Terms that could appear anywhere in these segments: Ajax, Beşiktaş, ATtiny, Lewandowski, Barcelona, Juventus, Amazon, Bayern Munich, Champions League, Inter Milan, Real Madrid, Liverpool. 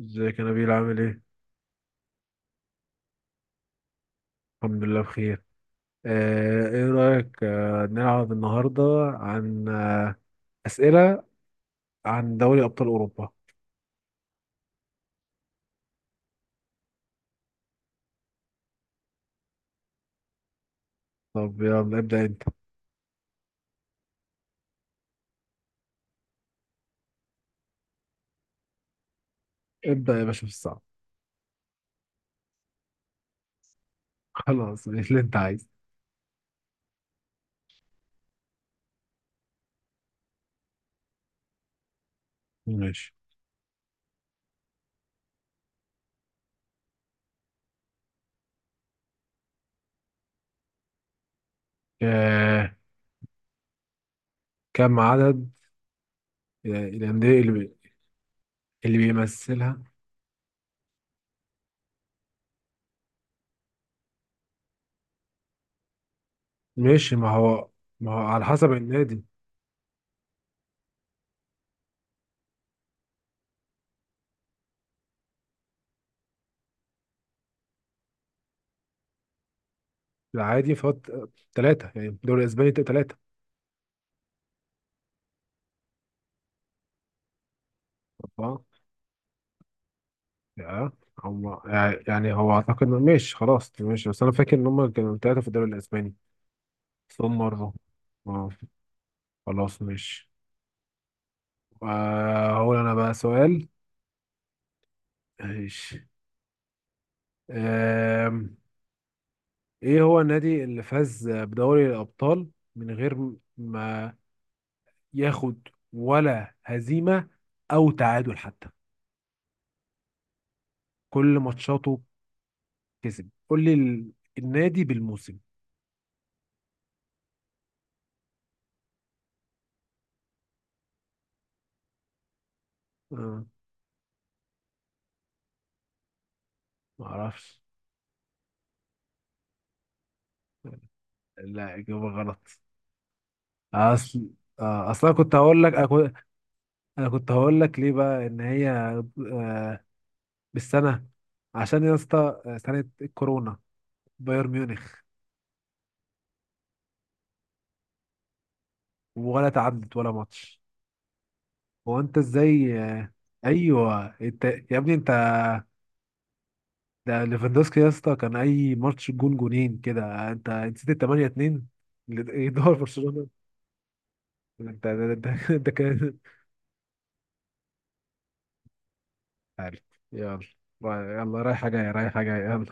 ازيك يا نبيل، عامل ايه؟ الحمد لله بخير. ايه رأيك، نلعب النهاردة عن أسئلة عن دوري أبطال أوروبا؟ طب يلا ابدأ انت. ابدأ يا باشا في الصعب. خلاص، اللي انت عايزه. ماشي. آه كم عدد الأندية اللي بي... اللي بيمثلها. ماشي، ما هو على حسب النادي. العادي فهو تلاتة، يعني الدوري الأسباني تلاتة. أربعة، يا هم. يعني هو اعتقد ماشي خلاص ماشي، بس انا فاكر ان هم كانوا ثلاثه في الدوري الاسباني. ثم مره اه خلاص ماشي. هقول انا بقى سؤال. ماشي. آم، ايه هو النادي اللي فاز بدوري الابطال من غير ما ياخد ولا هزيمه او تعادل حتى، كل ماتشاته كسب؟ قول لي النادي بالموسم. آه، ما اعرفش. لا، اجابه غلط. اصل اصل انا كنت هقول لك، انا كنت... أنا كنت هقول لك ليه بقى ان هي بالسنه، عشان يا اسطى سنه الكورونا. بايرن ميونخ. ولا تعدت ولا ماتش. هو انت ازاي؟ ايوه انت، يا ابني انت. ده ليفاندوسكي يا اسطى، كان اي ماتش جون جونين كده، انت نسيت ال 8-2 اللي يدور برشلونه. انت ده كان عارف. يلا، يلا رايحه جايه رايحه جايه يلا.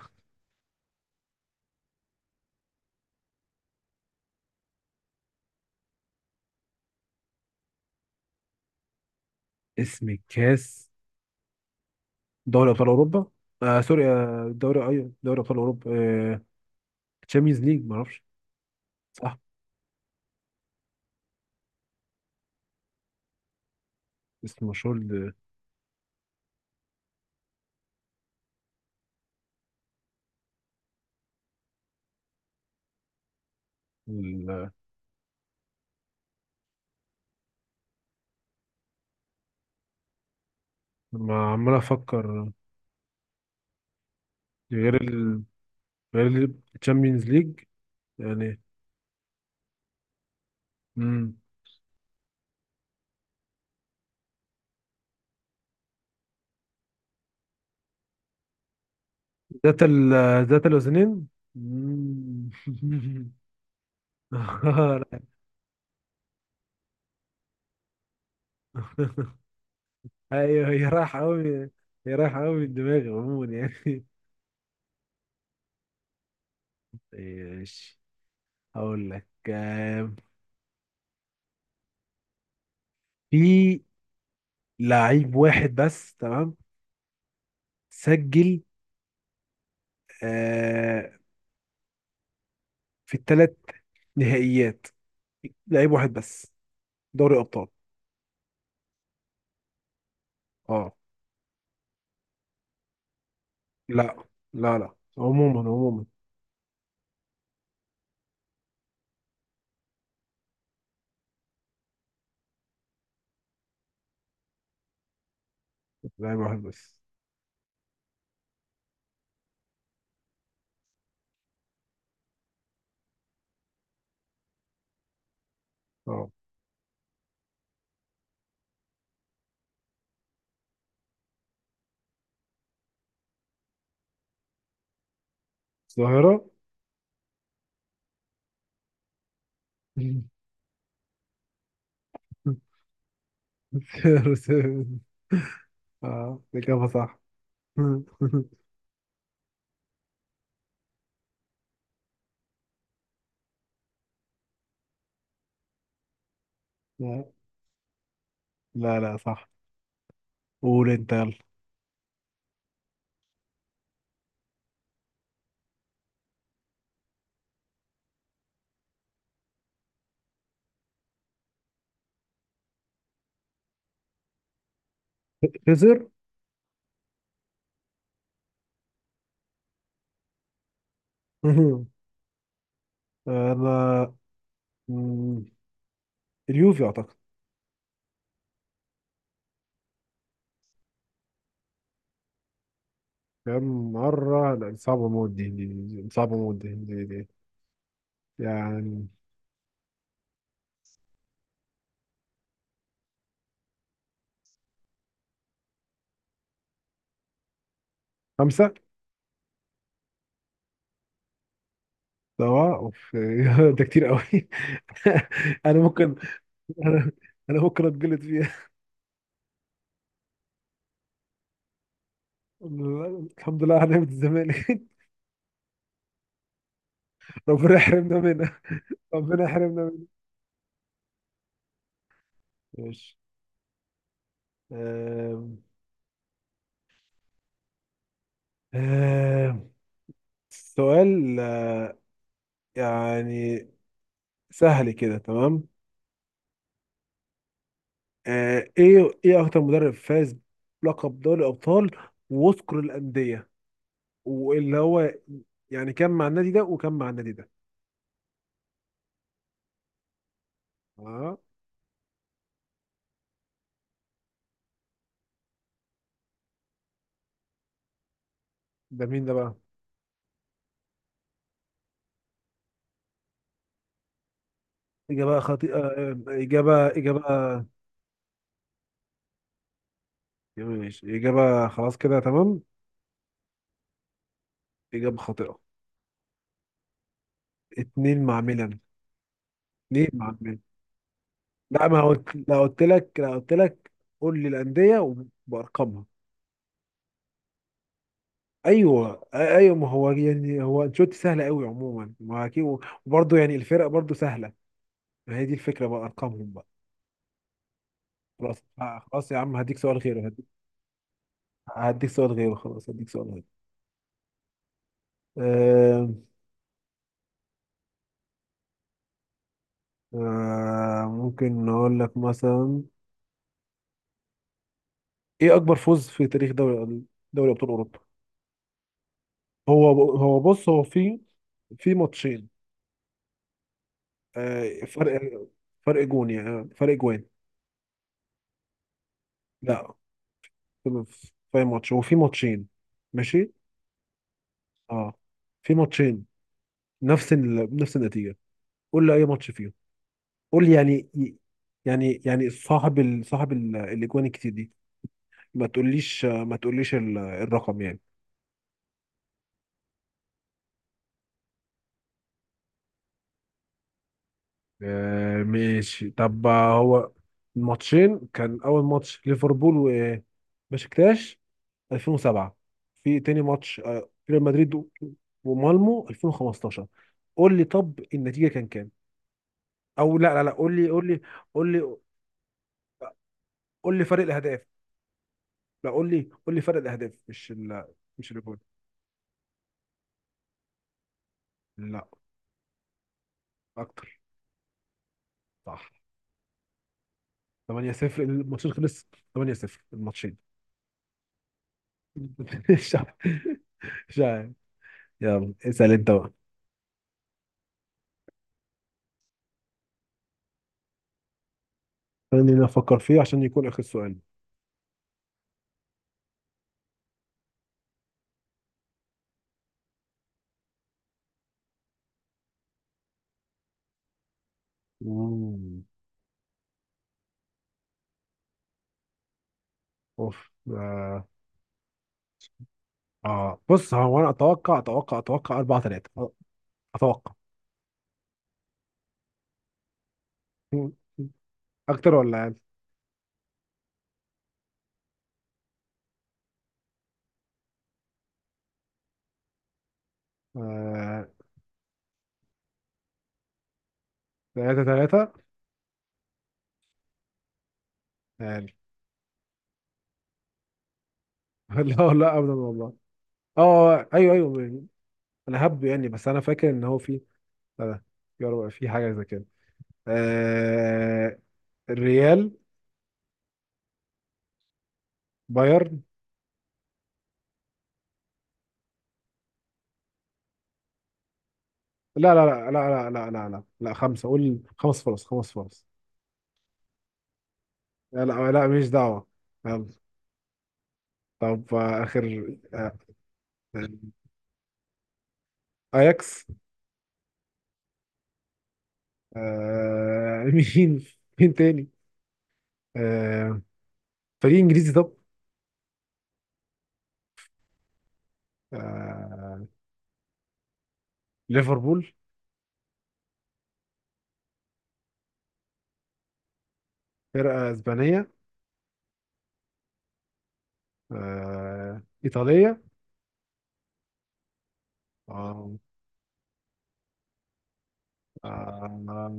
اسم الكاس؟ دوري ابطال اوروبا. آه سوري آه دوري، ايوه، ابطال اوروبا. آه تشامبيونز ليج، ما اعرفش. صح؟ اسم مشهور، ل- لما عمال افكر. غير ال غير التشامبيونز ليج يعني. مم. ذات ال ذات الاذنين. مم. آه، ايوه، هي رايحه قوي. هي رايحه قوي من دماغي عموما يعني. ماشي. هقول لك، في لعيب واحد بس، تمام؟ سجل آه في الثلاث نهائيات، لعيب واحد بس، دوري ابطال. اه. لا لا لا، عموما عموما. لعيب واحد بس. اه. الظاهرة. اه، الإجابة صح. لا، لا لا، صح. قول انت يلا. خسر. انا، مم، اليوفي اعتقد. كم مرة؟ لا، دي صعبة موت، دي دي. دي صعبة موت، دي، دي، دي. يعني، خمسة. سواء اوف، ده كتير قوي. انا ممكن، انا أنا ممكن اتجلد فيها. الحمد لله على نعمة الزمالك. ربنا يحرمنا منها، ربنا يحرمنا منها. ماشي. آم، آم، سؤال، يعني، سهل كده، تمام؟ ايه اكتر مدرب فاز بلقب دوري ابطال، وذكر الانديه، واللي هو يعني كان مع النادي ده وكان مع النادي ده. اه، ده مين ده بقى؟ اجابه خطيئه. اجابه. ماشي، إجابة، خلاص كده تمام. إجابة خاطئة. اتنين مع ميلان، اتنين مع ميلان. لا، ما قلت، لا قلت لك، قول لي الأندية وبأرقامها. أيوه، أيوه، ما هو يعني، هو أنشيلوتي سهل قوي عموما، ما أكيد. وبرضه يعني الفرق برضه سهلة. ما هي دي الفكرة بقى، أرقامهم بقى. خلاص، خلاص يا عم، هديك سؤال غيره، هديك سؤال غيره، خلاص، هديك سؤال غيره. آه ممكن نقول لك مثلا، إيه أكبر فوز في تاريخ دوري، دوري أبطال أوروبا؟ هو بص، هو في ماتشين. آه، فرق فرق جون، يعني فرق جوان. لا، في ماتش، هو في ماتشين. ماشي. اه، في ماتشين نفس نفس النتيجة. قول لي اي ماتش فيهم، قول لي يعني، يعني صاحب الاجوان الكتير دي. ما تقوليش الرقم يعني. ماشي، طب، هو الماتشين كان اول ماتش، ليفربول و بشكتاش 2007. في تاني ماتش، ريال مدريد ومالمو 2015. قول لي طب النتيجة كان كام؟ او لا لا لا، قول لي، قول لي قول لي فرق الاهداف. لا، قول لي فرق الاهداف، مش مش الجول. لا. اكتر. صح. 8-0 الماتشين، خلص. 8-0 الماتشين. مش عارف، مش عارف. يلا اسال انت بقى. خليني أنا افكر فيه عشان يكون اخر سؤال. مم. اوف اه، بص هو، انا اتوقع 4-3. اتوقع اكتر ولا اقل؟ آه... 3-3. اقل. لا لا ابدا والله. اه، ايوه ايوه. انا هبدو يعني، بس انا فاكر ان هو في. لا. يا رب في حاجه زي كده. آه... الريال. بايرن. لا لا لا لا لا لا لا لا لا، خمسه قول، خمس فرص، خمس فرص. لا لا لا، ماليش دعوه. يلا. طب، اخر، آه، آه، اياكس. آه... مين، مين تاني؟ آه، فريق انجليزي طب. آه، ليفربول. فرقه اسبانيه. ايطاليه. آه، آه،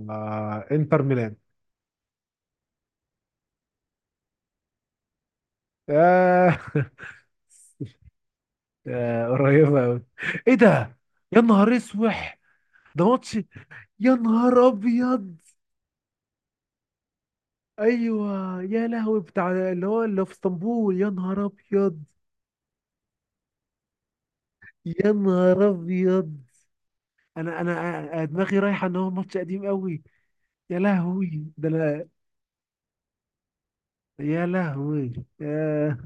انتر ميلان. آه، قريبه قوي. ايه ده؟ يا نهار اسوح، ده ماتش! يا نهار ابيض! ايوه، يا لهوي، بتاع اللي هو اللي في اسطنبول، يا نهار ابيض، يا نهار ابيض. انا انا أنا دماغي رايحه ان هو ماتش قديم قوي. يا لهوي ده. يا لهوي. يا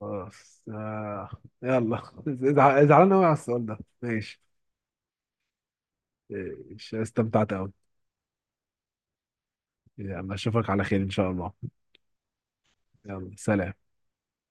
خلاص. يلا، زعلان قوي على السؤال ده، ماشي. إيش، استمتعت قوي. يلا، اشوفك على خير ان شاء الله. يلا، سلام.